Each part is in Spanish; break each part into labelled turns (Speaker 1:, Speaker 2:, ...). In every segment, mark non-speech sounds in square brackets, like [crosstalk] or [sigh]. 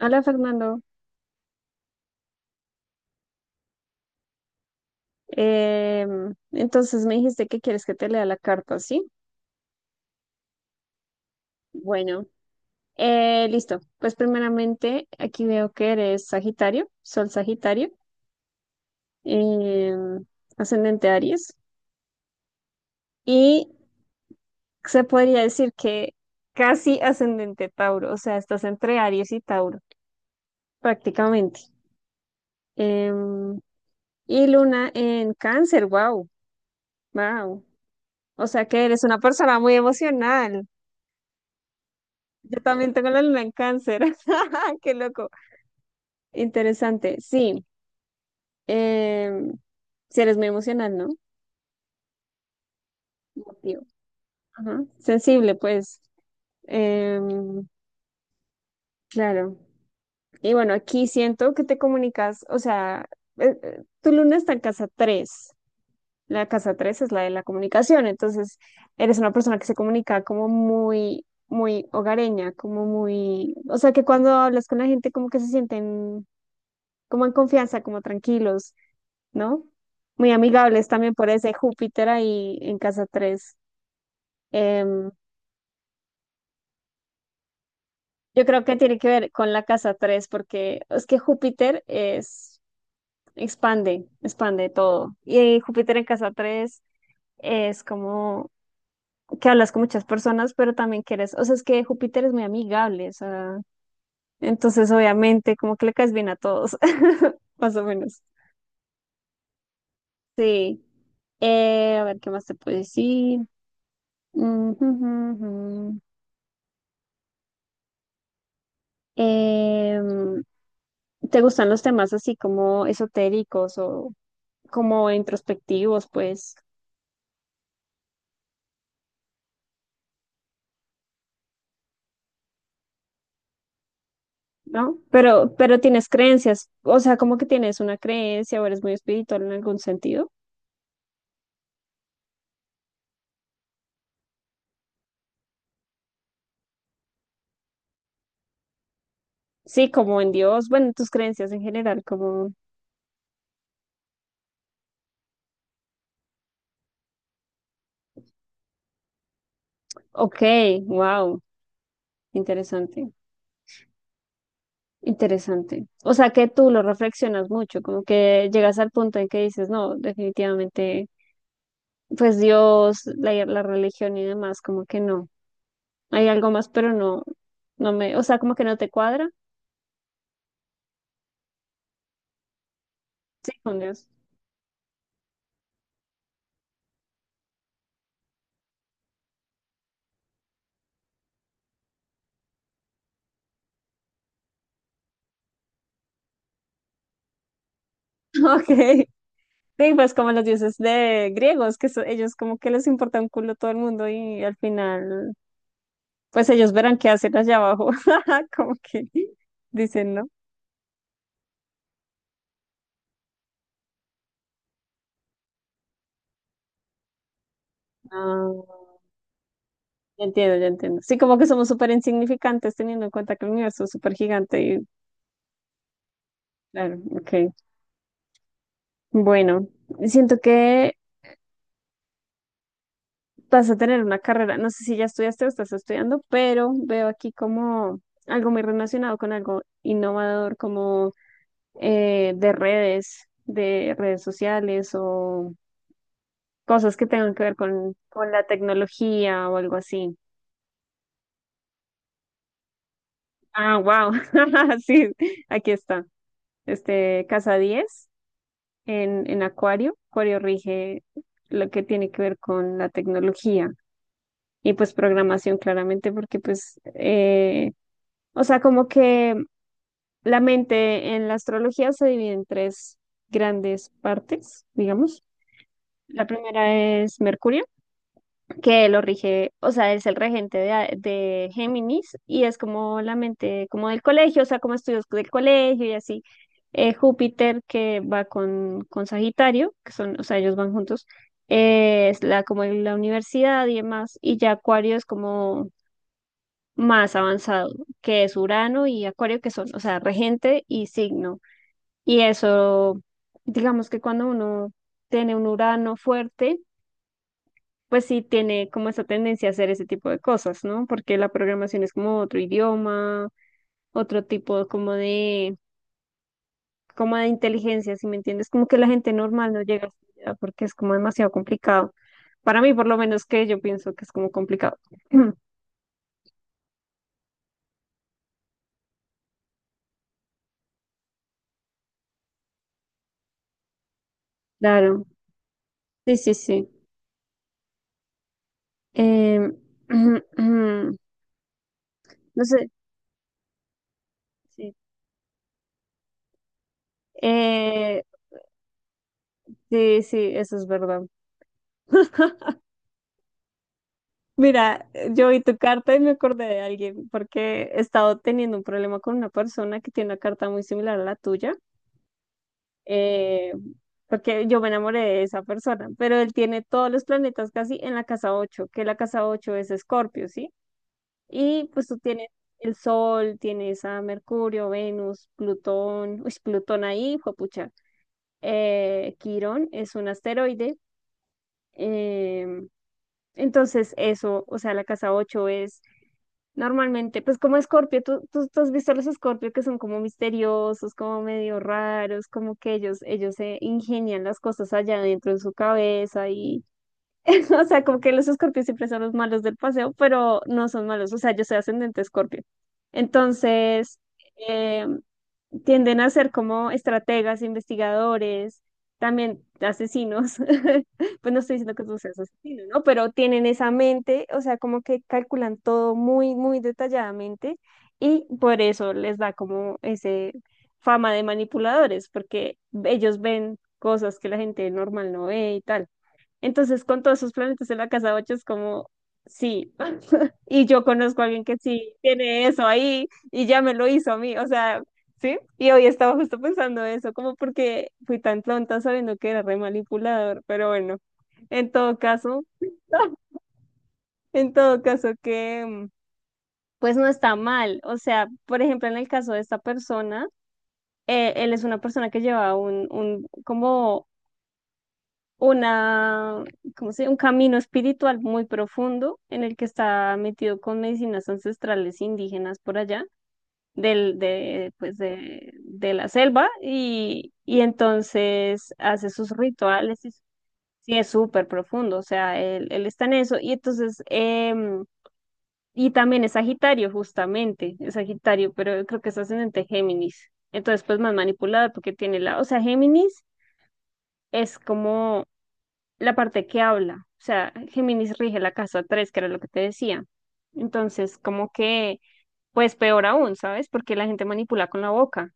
Speaker 1: Hola, Fernando. Entonces me dijiste que quieres que te lea la carta, ¿sí? Bueno, listo. Pues primeramente aquí veo que eres Sagitario, Sol Sagitario, em, ascendente Aries y se podría decir que casi ascendente Tauro, o sea, estás entre Aries y Tauro, prácticamente. Em, y Luna en Cáncer, wow, wow. O sea que eres una persona muy emocional. Yo también tengo la luna en cáncer. [laughs] Qué loco. Interesante. Sí. em, si eres muy emocional, ¿no? Emotivo. Ajá. Sensible, pues. Em, claro. Y bueno, aquí siento que te comunicas, o sea, tu luna está en casa 3. La casa 3 es la de la comunicación. Entonces, eres una persona que se comunica como muy, muy hogareña, como muy, o sea, que cuando hablas con la gente como que se sienten como en confianza, como tranquilos, ¿no? Muy amigables también por ese Júpiter ahí en casa 3. Yo creo que tiene que ver con la casa 3 porque es que Júpiter es, expande, expande todo. Y Júpiter en casa 3 es como que hablas con muchas personas, pero también que eres, o sea, es que Júpiter es muy amigable, o sea, entonces obviamente como que le caes bien a todos, [laughs] más o menos. Sí. A ver, ¿qué más te puedo decir? Mm, [laughs] Em, ¿Te gustan los temas así como esotéricos o como introspectivos, pues? ¿No? Pero tienes creencias, o sea, como que tienes una creencia o eres muy espiritual en algún sentido. Sí, como en Dios, bueno, tus creencias en general, como, ok, wow, interesante, interesante. O sea, que tú lo reflexionas mucho, como que llegas al punto en que dices, no, definitivamente, pues Dios, la religión y demás, como que no. Hay algo más, pero no, no me, o sea, como que no te cuadra. Sí, con Dios. [laughs] Ok. Sí, pues como los dioses de griegos, que ellos como que les importa un culo todo el mundo y al final, pues ellos verán qué hacer allá abajo. [laughs] Como que dicen, ¿no? Ah, ya entiendo, ya entiendo. Sí, como que somos súper insignificantes teniendo en cuenta que el universo es súper gigante y claro, ok. Bueno, siento que vas a tener una carrera, no sé si ya estudiaste o estás estudiando, pero veo aquí como algo muy relacionado con algo innovador, como de redes sociales o cosas que tengan que ver con la tecnología o algo así. Ah, wow. [laughs] Sí, aquí está. Este, casa 10 en Acuario. Acuario rige lo que tiene que ver con la tecnología y pues programación claramente porque pues o sea, como que la mente en la astrología se divide en tres grandes partes, digamos. La primera es Mercurio, que lo rige, o sea, es el regente de, de Géminis y es como la mente como del colegio, o sea, como estudios del colegio y así. Júpiter, que va con Sagitario, que son, o sea, ellos van juntos, es la, como en la universidad y demás. Y ya Acuario es como más avanzado, que es Urano y Acuario, que son, o sea, regente y signo. Y eso, digamos que cuando uno tiene un Urano fuerte, pues sí tiene como esa tendencia a hacer ese tipo de cosas, ¿no? Porque la programación es como otro idioma, otro tipo como de inteligencia, ¿si me entiendes? Como que la gente normal no llega hasta porque es como demasiado complicado. Para mí, por lo menos, que yo pienso que es como complicado. [clears throat] Claro, sí, sí, sí. Em, [clears throat] no sé, sí. Eh, sí, sí, eso es verdad. [laughs] Mira, yo vi tu carta y me acordé de alguien porque he estado teniendo un problema con una persona que tiene una carta muy similar a la tuya, eh, porque yo me enamoré de esa persona, pero él tiene todos los planetas casi en la casa 8, que la casa 8 es Escorpio, ¿sí? Y pues tú tienes el Sol, tienes a Mercurio, Venus, Plutón, uy, Plutón ahí, juepucha. Quirón es un asteroide. em, entonces, eso, o sea, la casa 8 es normalmente, pues como Escorpio, ¿tú, tú, tú has visto a los Escorpio que son como misteriosos, como medio raros, como que ellos se ingenian las cosas allá dentro de su cabeza y [laughs] o sea, como que los escorpios siempre son los malos del paseo, pero no son malos. O sea, yo soy ascendente escorpio. Entonces, eh, tienden a ser como estrategas, investigadores, también asesinos. [laughs] Pues no estoy diciendo que tú seas asesino, ¿no? Pero tienen esa mente, o sea, como que calculan todo muy, muy detalladamente y por eso les da como ese fama de manipuladores, porque ellos ven cosas que la gente normal no ve y tal. Entonces, con todos esos planetas en la casa 8 es como, sí. [laughs] Y yo conozco a alguien que sí tiene eso ahí y ya me lo hizo a mí, o sea, sí. Y hoy estaba justo pensando eso, como porque fui tan tonta sabiendo que era re manipulador, pero bueno, en todo caso, [laughs] en todo caso que, pues no está mal. O sea, por ejemplo, en el caso de esta persona, él es una persona que lleva como una, ¿cómo se llama? Un camino espiritual muy profundo en el que está metido con medicinas ancestrales indígenas por allá, pues de la selva, y entonces hace sus rituales y sí es súper profundo, o sea, él está en eso, y entonces, y también es Sagitario, justamente, es Sagitario, pero creo que es ascendente Géminis. Entonces, pues más manipulada porque tiene la, o sea, Géminis es como la parte que habla, o sea, Géminis rige la casa 3, que era lo que te decía. Entonces, como que, pues peor aún, ¿sabes? Porque la gente manipula con la boca.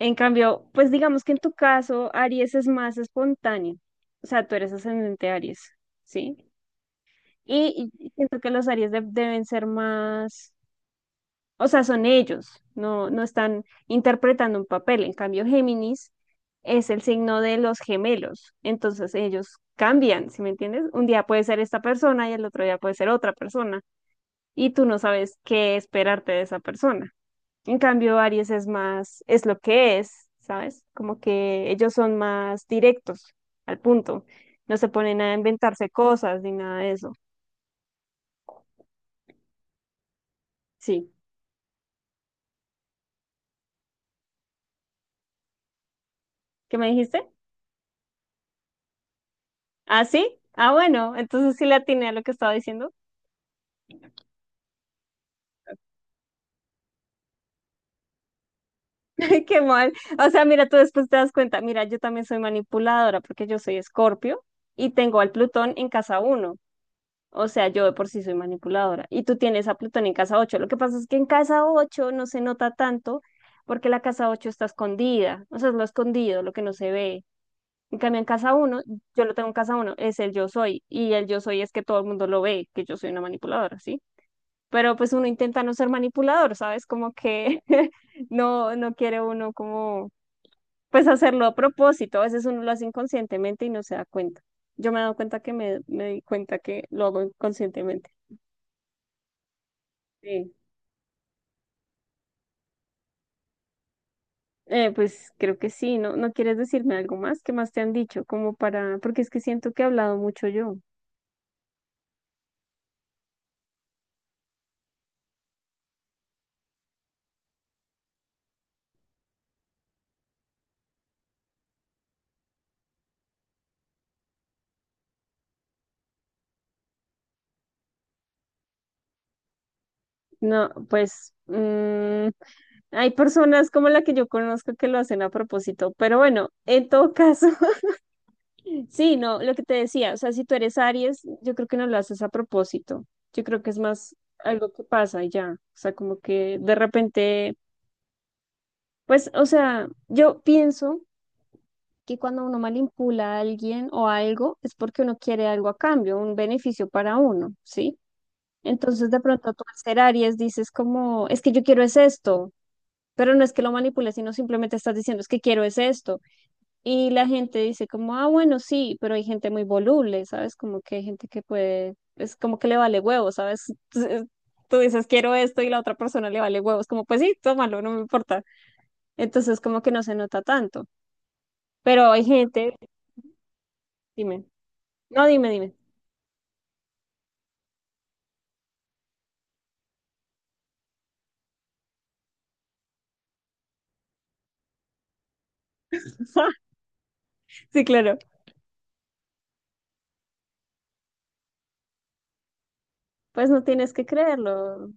Speaker 1: En cambio, pues digamos que en tu caso, Aries es más espontáneo. O sea, tú eres ascendente Aries, ¿sí? Y siento que los Aries deben ser más, o sea, son ellos, no, no están interpretando un papel. En cambio, Géminis es el signo de los gemelos, entonces ellos cambian, ¿sí me entiendes? Un día puede ser esta persona y el otro día puede ser otra persona, y tú no sabes qué esperarte de esa persona. En cambio, Aries es más, es lo que es, ¿sabes? Como que ellos son más directos, al punto. No se ponen a inventarse cosas ni nada de eso. Sí. ¿Qué me dijiste? ¿Ah, sí? Ah, bueno, entonces sí le atiné a lo que estaba diciendo. [laughs] Qué mal. O sea, mira, tú después te das cuenta, mira, yo también soy manipuladora porque yo soy Escorpio y tengo al Plutón en casa uno. O sea, yo de por sí soy manipuladora y tú tienes a Plutón en casa ocho. Lo que pasa es que en casa 8 no se nota tanto porque la casa 8 está escondida. O sea, es lo escondido, lo que no se ve. En cambio, en casa uno, yo lo tengo en casa uno, es el yo soy. Y el yo soy es que todo el mundo lo ve, que yo soy una manipuladora, ¿sí? Pero pues uno intenta no ser manipulador, ¿sabes? Como que [laughs] no, no quiere uno como pues hacerlo a propósito, a veces uno lo hace inconscientemente y no se da cuenta. Yo me he dado cuenta que me di cuenta que lo hago inconscientemente. Sí. Pues creo que sí, ¿no? ¿No quieres decirme algo más? ¿Qué más te han dicho? Como para, porque es que siento que he hablado mucho yo. No, pues hay personas como la que yo conozco que lo hacen a propósito, pero bueno, en todo caso, sí, no, lo que te decía, o sea, si tú eres Aries, yo creo que no lo haces a propósito. Yo creo que es más algo que pasa y ya. O sea, como que de repente, pues, o sea, yo pienso que cuando uno manipula a alguien o algo es porque uno quiere algo a cambio, un beneficio para uno, ¿sí? Entonces, de pronto tú al ser Aries dices como, es que yo quiero es esto, pero no es que lo manipules, sino simplemente estás diciendo, es que quiero es esto. Y la gente dice como, ah, bueno, sí, pero hay gente muy voluble, ¿sabes? Como que hay gente que puede, es como que le vale huevo, ¿sabes? [laughs] Entonces, tú dices, quiero esto y la otra persona le vale huevos, como, pues sí, tómalo, no me importa. Entonces, como que no se nota tanto. Pero hay gente, dime, no, dime, dime. [laughs] Sí, claro, pues no tienes que creerlo.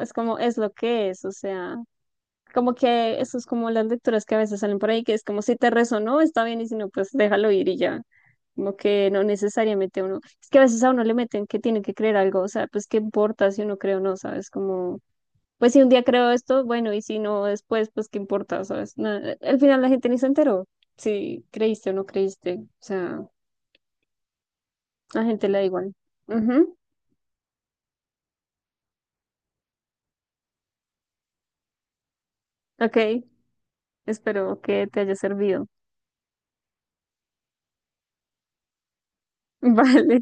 Speaker 1: Es como, es lo que es, o sea, como que eso es como las lecturas que a veces salen por ahí, que es como si te resonó, está bien, y si no, pues déjalo ir y ya. Como que no necesariamente uno, es que a veces a uno le meten que tiene que creer algo, o sea, pues qué importa si uno cree o no, ¿sabes? Como, pues si un día creo esto, bueno, y si no después, pues qué importa, ¿sabes? Nada, al final la gente ni se enteró si creíste o no creíste, o sea, a la gente le da igual. Ujú, ok, espero que te haya servido. [laughs] Vale,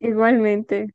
Speaker 1: igualmente.